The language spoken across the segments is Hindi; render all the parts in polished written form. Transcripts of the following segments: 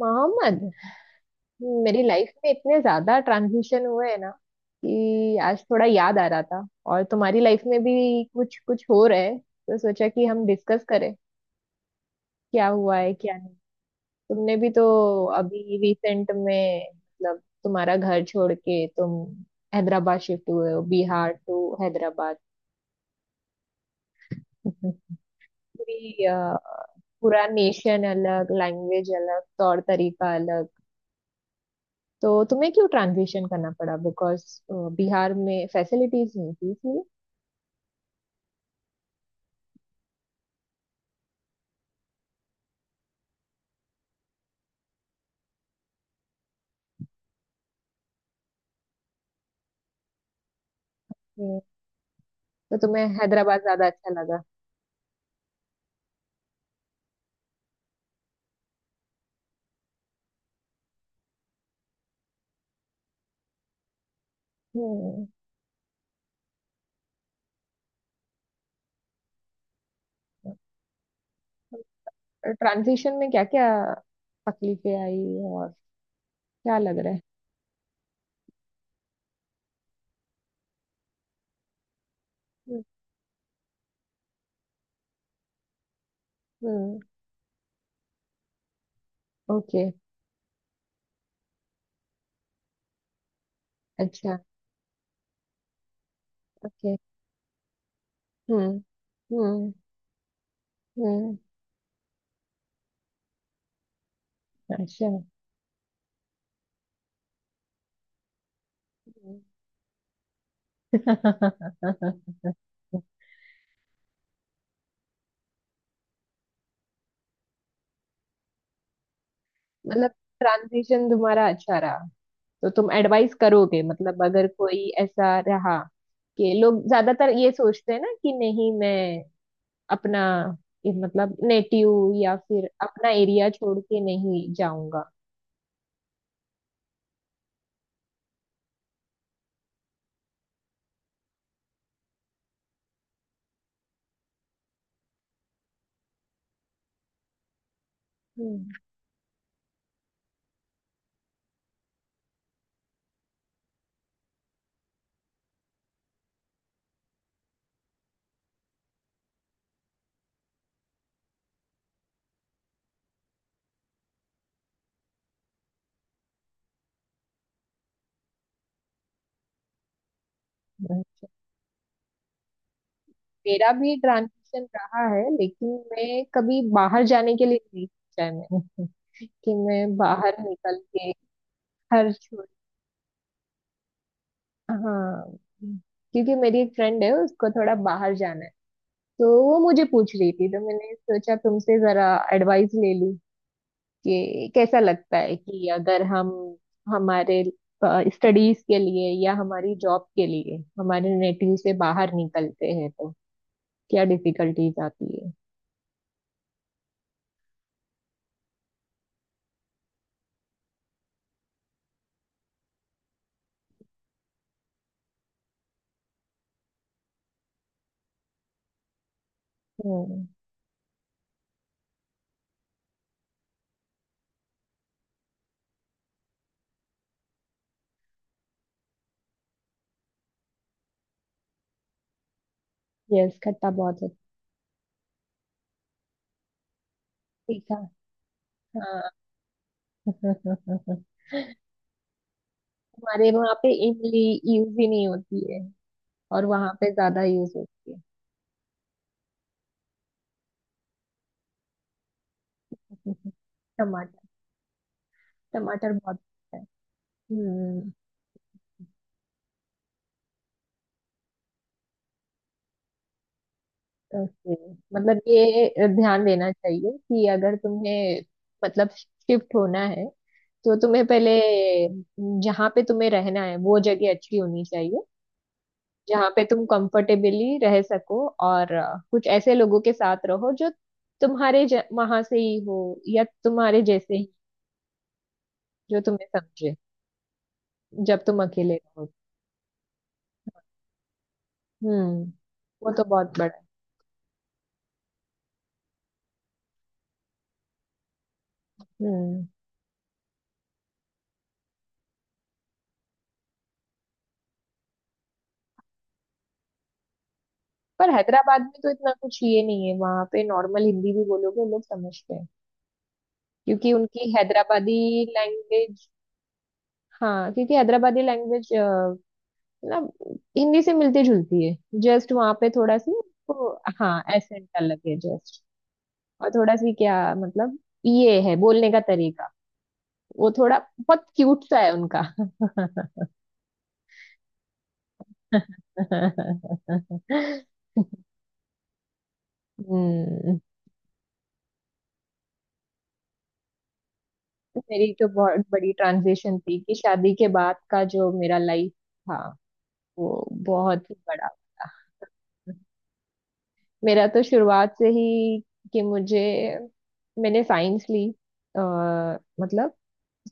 मोहम्मद, मेरी लाइफ में इतने ज्यादा ट्रांजिशन हुए हैं ना कि आज थोड़ा याद आ रहा था। और तुम्हारी लाइफ में भी कुछ कुछ हो रहा है तो सोचा कि हम डिस्कस करें, क्या हुआ है क्या नहीं। तुमने भी तो अभी रिसेंट में मतलब तुम्हारा घर छोड़ के तुम हैदराबाद शिफ्ट हुए हो, बिहार टू हैदराबाद। पूरी पूरा नेशन अलग, लैंग्वेज अलग, तौर तरीका अलग। तो तुम्हें क्यों ट्रांजिशन करना पड़ा? बिकॉज बिहार में फैसिलिटीज नहीं थी इसलिए? हम्म, तो तुम्हें हैदराबाद ज्यादा अच्छा लगा? हम्म। ट्रांजिशन में क्या क्या तकलीफें आई, और क्या लग रहा है? हम्म। ओके। अच्छा। ओके। हम्म। हम्म। हम्म। अच्छा। हम्म। मतलब ट्रांजिशन तुम्हारा अच्छा रहा। तो तुम एडवाइस करोगे? मतलब अगर कोई ऐसा रहा कि लोग ज्यादातर ये सोचते हैं ना कि नहीं, मैं अपना ये मतलब नेटिव या फिर अपना एरिया छोड़ के नहीं जाऊंगा। हम्म। मेरा भी ट्रांजिशन रहा है, लेकिन मैं कभी बाहर जाने के लिए नहीं सोचा है मैंने। कि मैं बाहर निकल के घर छोड़। हाँ, क्योंकि मेरी एक फ्रेंड है, उसको थोड़ा बाहर जाना है। तो वो मुझे पूछ रही थी, तो मैंने सोचा तुमसे जरा एडवाइस ले लूं कि कैसा लगता है कि अगर हम हमारे स्टडीज के लिए या हमारी जॉब के लिए हमारे नेटिव से बाहर निकलते हैं तो क्या डिफिकल्टीज आती है। हम्म। यस, खट्टा बहुत है। तीखा। हाँ। हमारे वहाँ पे इमली यूज ही नहीं होती है, और वहाँ पे ज्यादा यूज होती है। टमाटर। टमाटर बहुत है। हम्म। ओके। मतलब ये ध्यान देना चाहिए कि अगर तुम्हें मतलब शिफ्ट होना है तो तुम्हें पहले जहाँ पे तुम्हें रहना है वो जगह अच्छी होनी चाहिए, जहाँ पे तुम कंफर्टेबली रह सको। और कुछ ऐसे लोगों के साथ रहो जो तुम्हारे वहां से ही हो या तुम्हारे जैसे ही, जो तुम्हें समझे जब तुम अकेले रहो। हम्म। वो तो बहुत बड़ा है। हम्म। पर हैदराबाद में तो इतना कुछ ये नहीं है। वहां पे नॉर्मल हिंदी भी बोलोगे लोग समझते हैं, क्योंकि उनकी हैदराबादी लैंग्वेज, हाँ, क्योंकि हैदराबादी लैंग्वेज मतलब हिंदी से मिलती जुलती है। जस्ट वहां पे थोड़ा सी, तो हाँ एसेंट अलग है जस्ट। और थोड़ा सी क्या मतलब, ये है बोलने का तरीका, वो थोड़ा बहुत क्यूट सा है उनका। हम्म। मेरी तो बहुत बड़ी ट्रांजिशन थी कि शादी के बाद का जो मेरा लाइफ था, वो बहुत ही बड़ा था। मेरा तो शुरुआत से ही कि मुझे, मैंने साइंस ली। आ, मतलब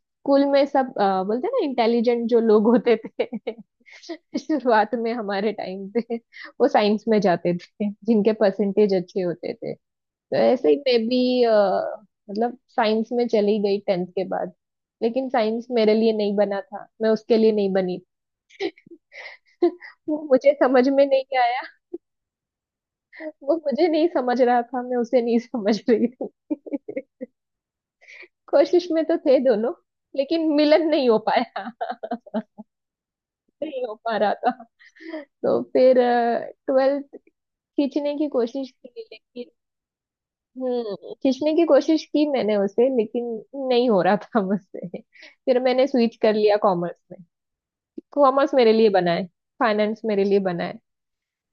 स्कूल में सब बोलते हैं ना, इंटेलिजेंट जो लोग होते थे शुरुआत में हमारे टाइम पे, वो साइंस में जाते थे, जिनके परसेंटेज अच्छे होते थे। तो ऐसे ही मैं भी मतलब साइंस में चली गई टेंथ के बाद। लेकिन साइंस मेरे लिए नहीं बना था, मैं उसके लिए नहीं बनी। वो मुझे समझ में नहीं आया, वो मुझे नहीं समझ रहा था, मैं उसे नहीं समझ रही थी। कोशिश में तो थे दोनों, लेकिन मिलन नहीं हो पाया। नहीं हो पा रहा था। तो फिर ट्वेल्थ खींचने की कोशिश की लेकिन, हम्म, खींचने की कोशिश की मैंने उसे लेकिन नहीं हो रहा था मुझसे। फिर मैंने स्विच कर लिया कॉमर्स में। कॉमर्स मेरे लिए बना है, फाइनेंस मेरे लिए बना है।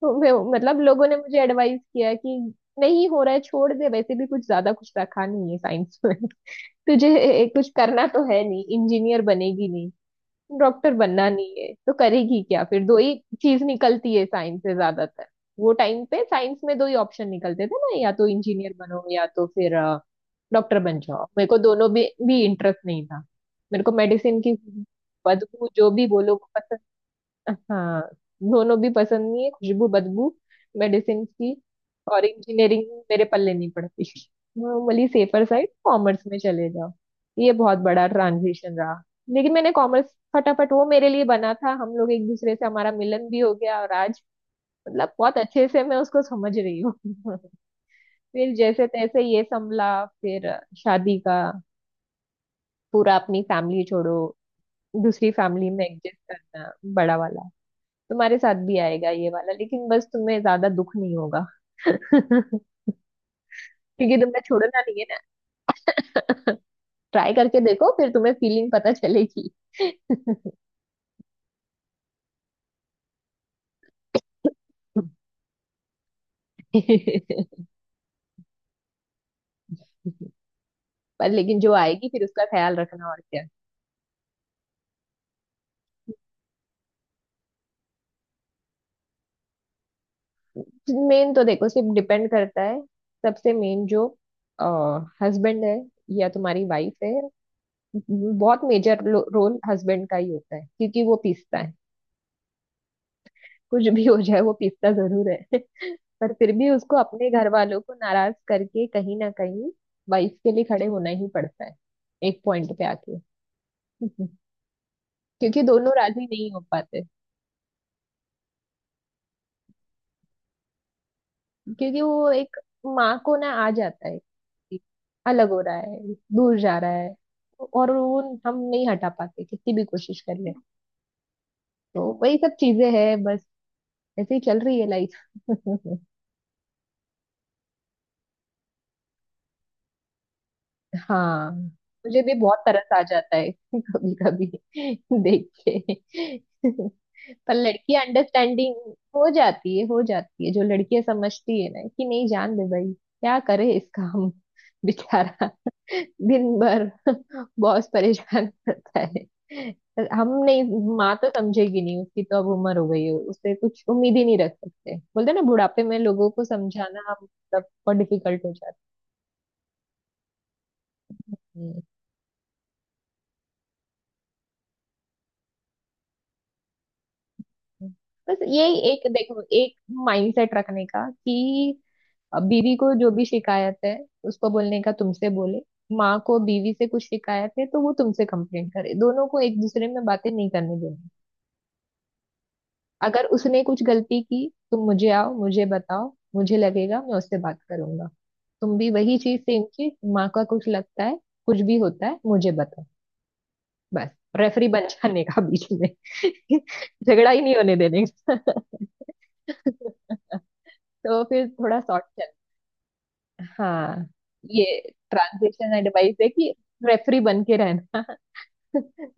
तो मैं मतलब लोगों ने मुझे एडवाइस किया कि नहीं हो रहा है छोड़ दे, वैसे भी कुछ ज्यादा कुछ रखा नहीं है साइंस में। तुझे कुछ करना तो है नहीं, इंजीनियर बनेगी नहीं, डॉक्टर बनना नहीं है तो करेगी क्या, फिर दो ही चीज निकलती है साइंस से ज्यादातर। वो टाइम पे साइंस में दो ही ऑप्शन निकलते थे ना, या तो इंजीनियर बनो या तो फिर डॉक्टर बन जाओ। मेरे को दोनों भी इंटरेस्ट नहीं था। मेरे को मेडिसिन की बदबू जो भी बोलो वो पसंद, हाँ, दोनों भी पसंद नहीं है, खुशबू बदबू मेडिसिन की, और इंजीनियरिंग मेरे पल्ले नहीं पड़ती। नॉर्मली सेफर साइड कॉमर्स में चले जाओ। ये बहुत बड़ा ट्रांजिशन रहा, लेकिन मैंने कॉमर्स फटाफट वो मेरे लिए बना था। हम लोग एक दूसरे से हमारा मिलन भी हो गया, और आज मतलब बहुत अच्छे से मैं उसको समझ रही हूँ। फिर जैसे तैसे ये संभला। फिर शादी का पूरा, अपनी फैमिली छोड़ो, दूसरी फैमिली में एडजस्ट करना, बड़ा वाला। तुम्हारे साथ भी आएगा ये वाला, लेकिन बस तुम्हें ज्यादा दुख नहीं होगा। क्योंकि तुमने छोड़ना नहीं है ना। ट्राई करके देखो, फिर तुम्हें फीलिंग पता चलेगी। पर लेकिन जो आएगी फिर उसका ख्याल रखना, और क्या। मेन तो देखो सिर्फ डिपेंड करता है, सबसे मेन जो हस्बैंड है या तुम्हारी वाइफ है। बहुत मेजर रोल हस्बैंड का ही होता है, क्योंकि वो पीसता है। कुछ भी हो जाए वो पीसता जरूर है। पर फिर भी उसको अपने घर वालों को नाराज करके कहीं ना कहीं वाइफ के लिए खड़े होना ही पड़ता है एक पॉइंट पे आके। क्योंकि दोनों राजी नहीं हो पाते, क्योंकि वो एक माँ को ना आ जाता है कि अलग हो रहा है, दूर जा रहा है। और वो हम नहीं हटा पाते कितनी भी कोशिश कर ले। तो वही सब चीजें हैं बस, ऐसे ही चल रही है लाइफ। हाँ, मुझे भी बहुत तरस आ जाता है कभी कभी देख के। पर लड़की अंडरस्टैंडिंग हो जाती है, हो जाती है, जो लड़कियां समझती है ना कि नहीं, जान दे भाई, क्या करे इसका, हम बेचारा दिन भर बॉस परेशान करता है, हम नहीं। माँ तो समझेगी नहीं, उसकी तो अब उम्र हो गई है, उससे कुछ उम्मीद ही नहीं रख सकते। बोलते हैं ना, बुढ़ापे में लोगों को समझाना मतलब बहुत डिफिकल्ट हो जाता है। बस यही एक देखो, एक माइंडसेट रखने का कि बीवी को जो भी शिकायत है उसको बोलने का तुमसे बोले, माँ को बीवी से कुछ शिकायत है तो वो तुमसे कंप्लेंट करे। दोनों को एक दूसरे में बातें नहीं करने देनी। अगर उसने कुछ गलती की, तुम मुझे आओ मुझे बताओ, मुझे लगेगा मैं उससे बात करूंगा। तुम भी वही चीज, सेम चीज, माँ का कुछ लगता है, कुछ भी होता है, मुझे बताओ बस। रेफरी बन जाने का बीच में। झगड़ा ही नहीं होने देने का। तो फिर थोड़ा सॉर्ट। हाँ, ये ट्रांजेक्शन एडवाइस है कि रेफरी बन के रहना।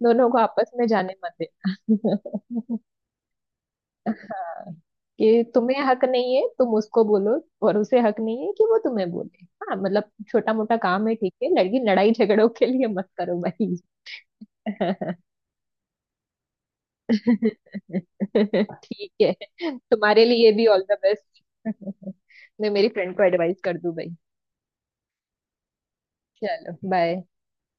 दोनों को आपस में जाने मत देना। कि तुम्हें हक नहीं है तुम उसको बोलो, और उसे हक नहीं है कि वो तुम्हें बोले। हाँ मतलब छोटा मोटा काम है ठीक है, लड़की लड़ाई झगड़ों के लिए मत करो भाई। ठीक है, तुम्हारे लिए भी ऑल द बेस्ट। मैं मेरी फ्रेंड को एडवाइस कर दूं भाई। चलो बाय।